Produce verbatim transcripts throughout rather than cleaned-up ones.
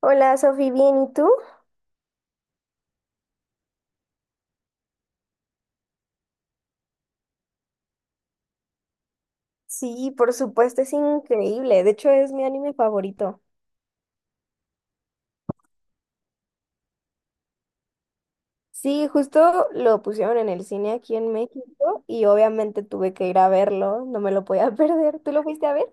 Hola, Sofi, ¿bien? ¿Y tú? Sí, por supuesto, es increíble. De hecho, es mi anime favorito. Sí, justo lo pusieron en el cine aquí en México y obviamente tuve que ir a verlo, no me lo podía perder. ¿Tú lo fuiste a ver?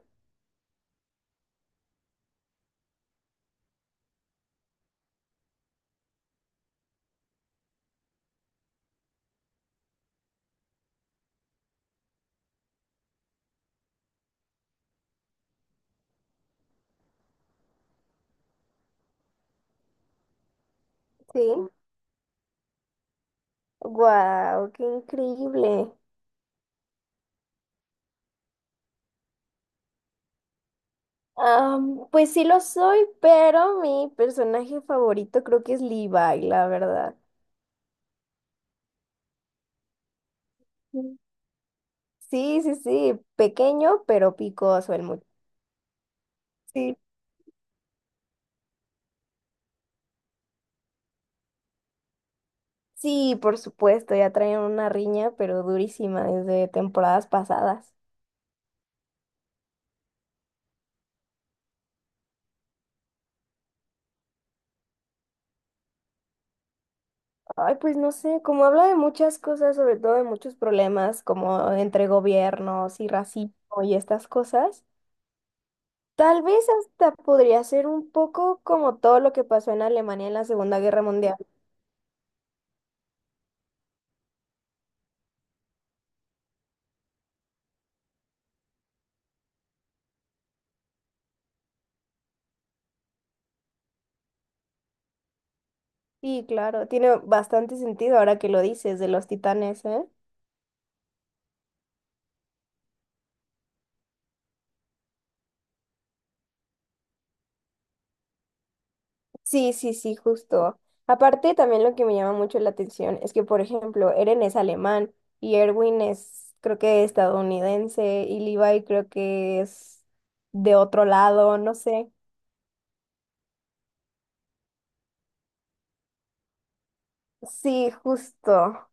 Sí. Wow, qué increíble. Am, pues sí lo soy, pero mi personaje favorito creo que es Levi, la verdad. Mm. Sí, sí, sí, pequeño, pero picoso el muchacho. Sí, por supuesto, ya traen una riña, pero durísima desde temporadas pasadas. Ay, pues no sé, como habla de muchas cosas, sobre todo de muchos problemas como entre gobiernos y racismo y estas cosas, tal vez hasta podría ser un poco como todo lo que pasó en Alemania en la Segunda Guerra Mundial. Sí, claro, tiene bastante sentido ahora que lo dices de los titanes, ¿eh? Sí, sí, sí, justo. Aparte, también lo que me llama mucho la atención es que, por ejemplo, Eren es alemán y Erwin es, creo que estadounidense, y Levi creo que es de otro lado, no sé. Sí, justo.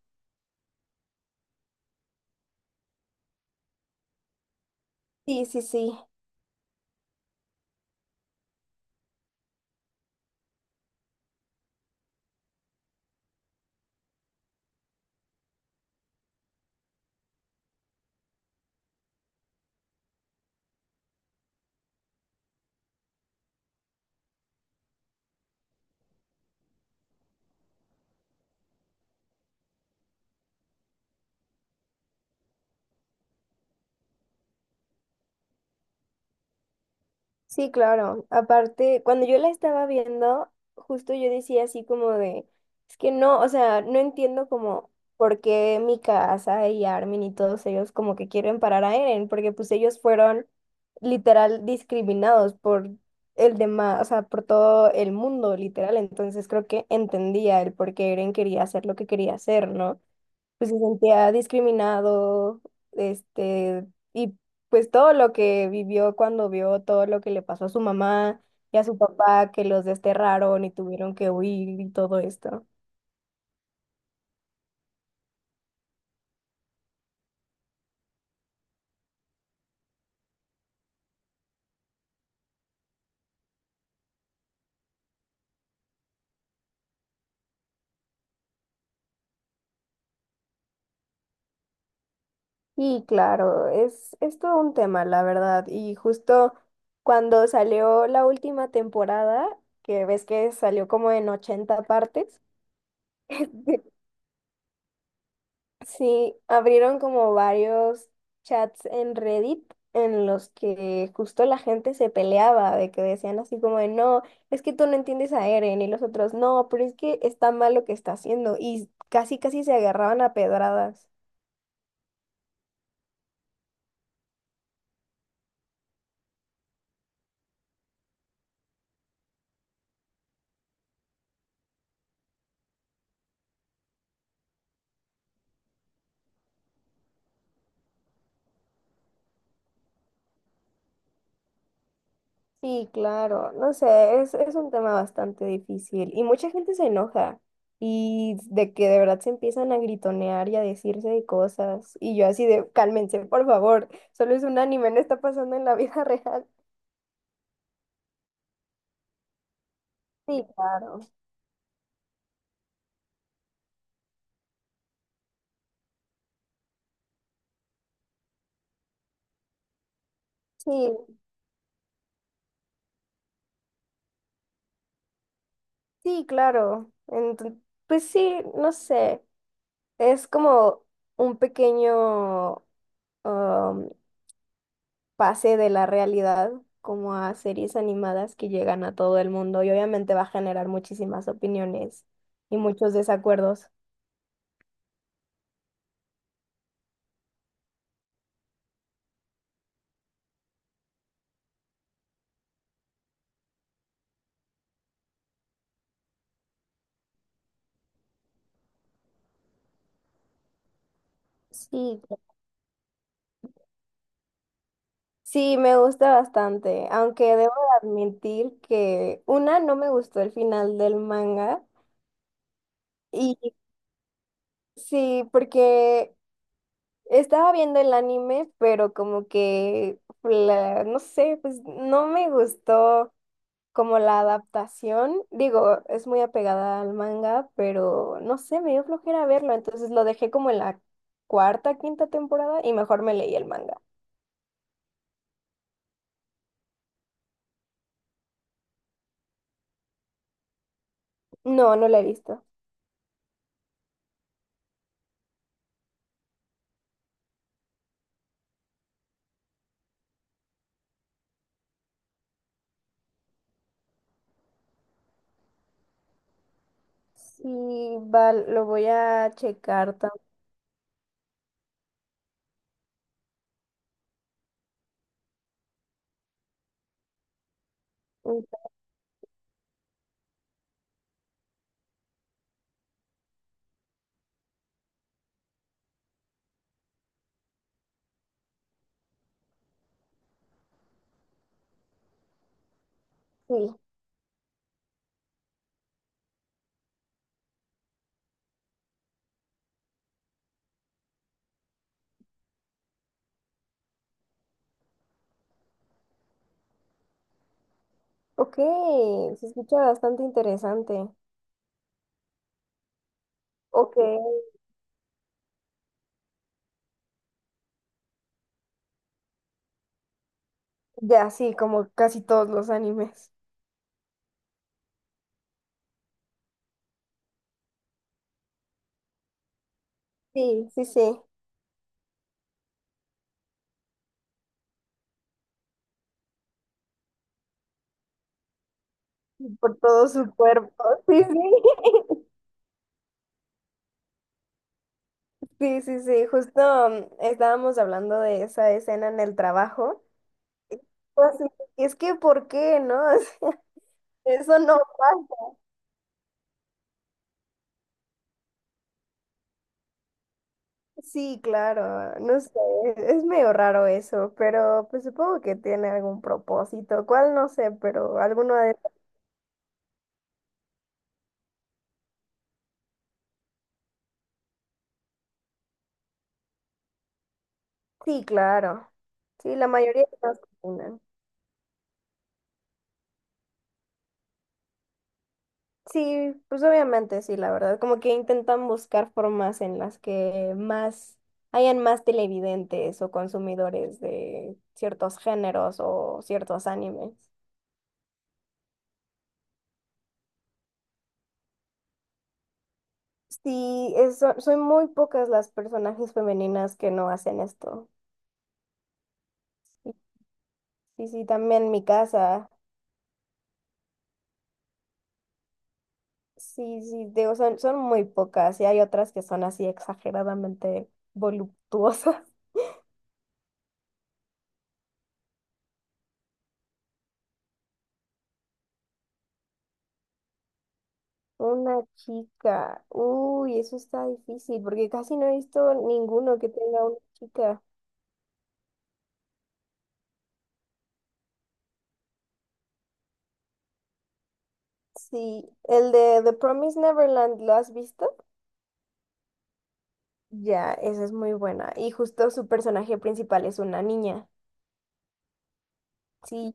Sí, sí, sí. Sí, claro. Aparte, cuando yo la estaba viendo, justo yo decía así como de, es que no, o sea, no entiendo como por qué Mikasa y Armin y todos ellos como que quieren parar a Eren, porque pues ellos fueron literal discriminados por el demás, o sea, por todo el mundo, literal. Entonces creo que entendía el por qué Eren quería hacer lo que quería hacer, ¿no? Pues se sentía discriminado, este, y pues todo lo que vivió cuando vio todo lo que le pasó a su mamá y a su papá, que los desterraron y tuvieron que huir y todo esto. Y claro, es, es todo un tema, la verdad. Y justo cuando salió la última temporada, que ves que salió como en ochenta partes. Sí, abrieron como varios chats en Reddit en los que justo la gente se peleaba de que decían así como de no, es que tú no entiendes a Eren y los otros no, pero es que está mal lo que está haciendo y casi casi se agarraban a pedradas. Sí, claro, no sé, es, es un tema bastante difícil y mucha gente se enoja y de que de verdad se empiezan a gritonear y a decirse de cosas y yo así de cálmense, por favor, solo es un anime, no está pasando en la vida real. Sí, claro. Sí, sí, claro. Enton- pues sí, no sé. Es como un pequeño um, pase de la realidad, como a series animadas que llegan a todo el mundo y obviamente va a generar muchísimas opiniones y muchos desacuerdos. Sí, sí, me gusta bastante, aunque debo de admitir que una, no me gustó el final del manga, y sí, porque estaba viendo el anime, pero como que, la- no sé, pues no me gustó como la adaptación. Digo, es muy apegada al manga, pero no sé, me dio flojera verlo, entonces lo dejé como en la cuarta, quinta temporada y mejor me leí el manga. No, no lo he visto. Sí, va, lo voy a checar también. Sí. Ok, se escucha bastante interesante. Ok, ya sí, como casi todos los animes. Sí, sí, sí. Por todo su cuerpo. Sí, sí. Sí, sí, sí. Justo mm, estábamos hablando de esa escena en el trabajo. Pues sí, es que, ¿por qué, no? O sea, eso no pasa. Sí, claro. No sé. Es medio raro eso, pero pues supongo que tiene algún propósito. ¿Cuál? No sé, pero alguno de... Sí, claro. Sí, la mayoría de las. Sí, pues obviamente sí, la verdad. Como que intentan buscar formas en las que más hayan más televidentes o consumidores de ciertos géneros o ciertos animes. Sí, es- so- son muy pocas las personajes femeninas que no hacen esto. Sí, sí, sí, también mi casa. Sí, sí, digo, son, son muy pocas y hay otras que son así exageradamente voluptuosas. Una chica. Uy, eso está difícil porque casi no he visto ninguno que tenga una chica. Sí, el de The Promised Neverland, ¿lo has visto? Ya, esa es muy buena. Y justo su personaje principal es una niña. Sí,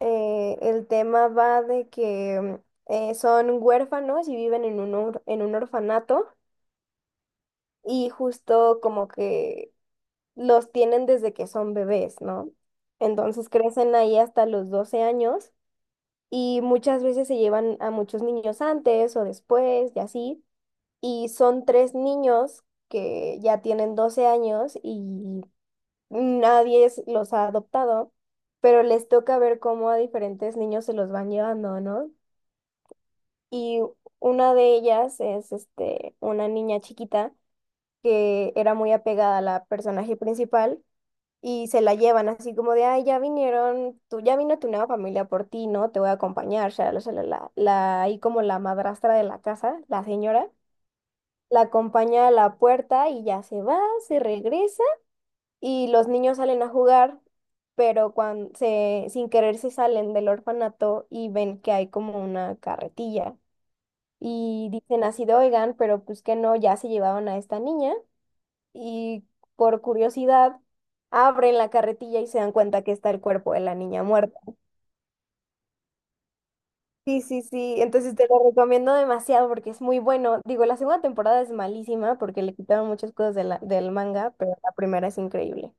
eh, el tema va de que eh, son huérfanos y viven en un, or- en un orfanato y justo como que los tienen desde que son bebés, ¿no? Entonces crecen ahí hasta los doce años y muchas veces se llevan a muchos niños antes o después y así. Y son tres niños que ya tienen doce años y nadie es- los ha adoptado, pero les toca ver cómo a diferentes niños se los van llevando, ¿no? Y una de ellas es este, una niña chiquita que era muy apegada a la personaje principal y se la llevan así como de, ay, ya vinieron, tú, ya vino tu nueva familia por ti, ¿no? Te voy a acompañar, shalala, shalala. La, ahí como la madrastra de la casa, la señora, la acompaña a la puerta y ya se va, se regresa y los niños salen a jugar, pero cuando se, sin querer se salen del orfanato y ven que hay como una carretilla. Y dicen así de, oigan, pero pues que no, ya se llevaron a esta niña, y por curiosidad abren la carretilla y se dan cuenta que está el cuerpo de la niña muerta. Sí, sí, sí, entonces te lo recomiendo demasiado porque es muy bueno. Digo, la segunda temporada es malísima porque le quitaron muchas cosas de la- del manga, pero la primera es increíble.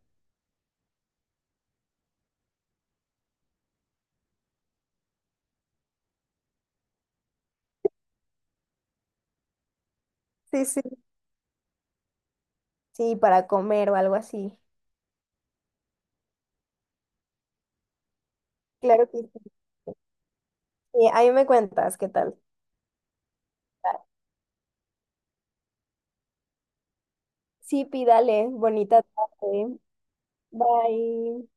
Sí, sí. Sí, para comer o algo así. Claro que sí. Sí, ahí me cuentas qué tal. Sí, pídale, bonita tarde. Bye.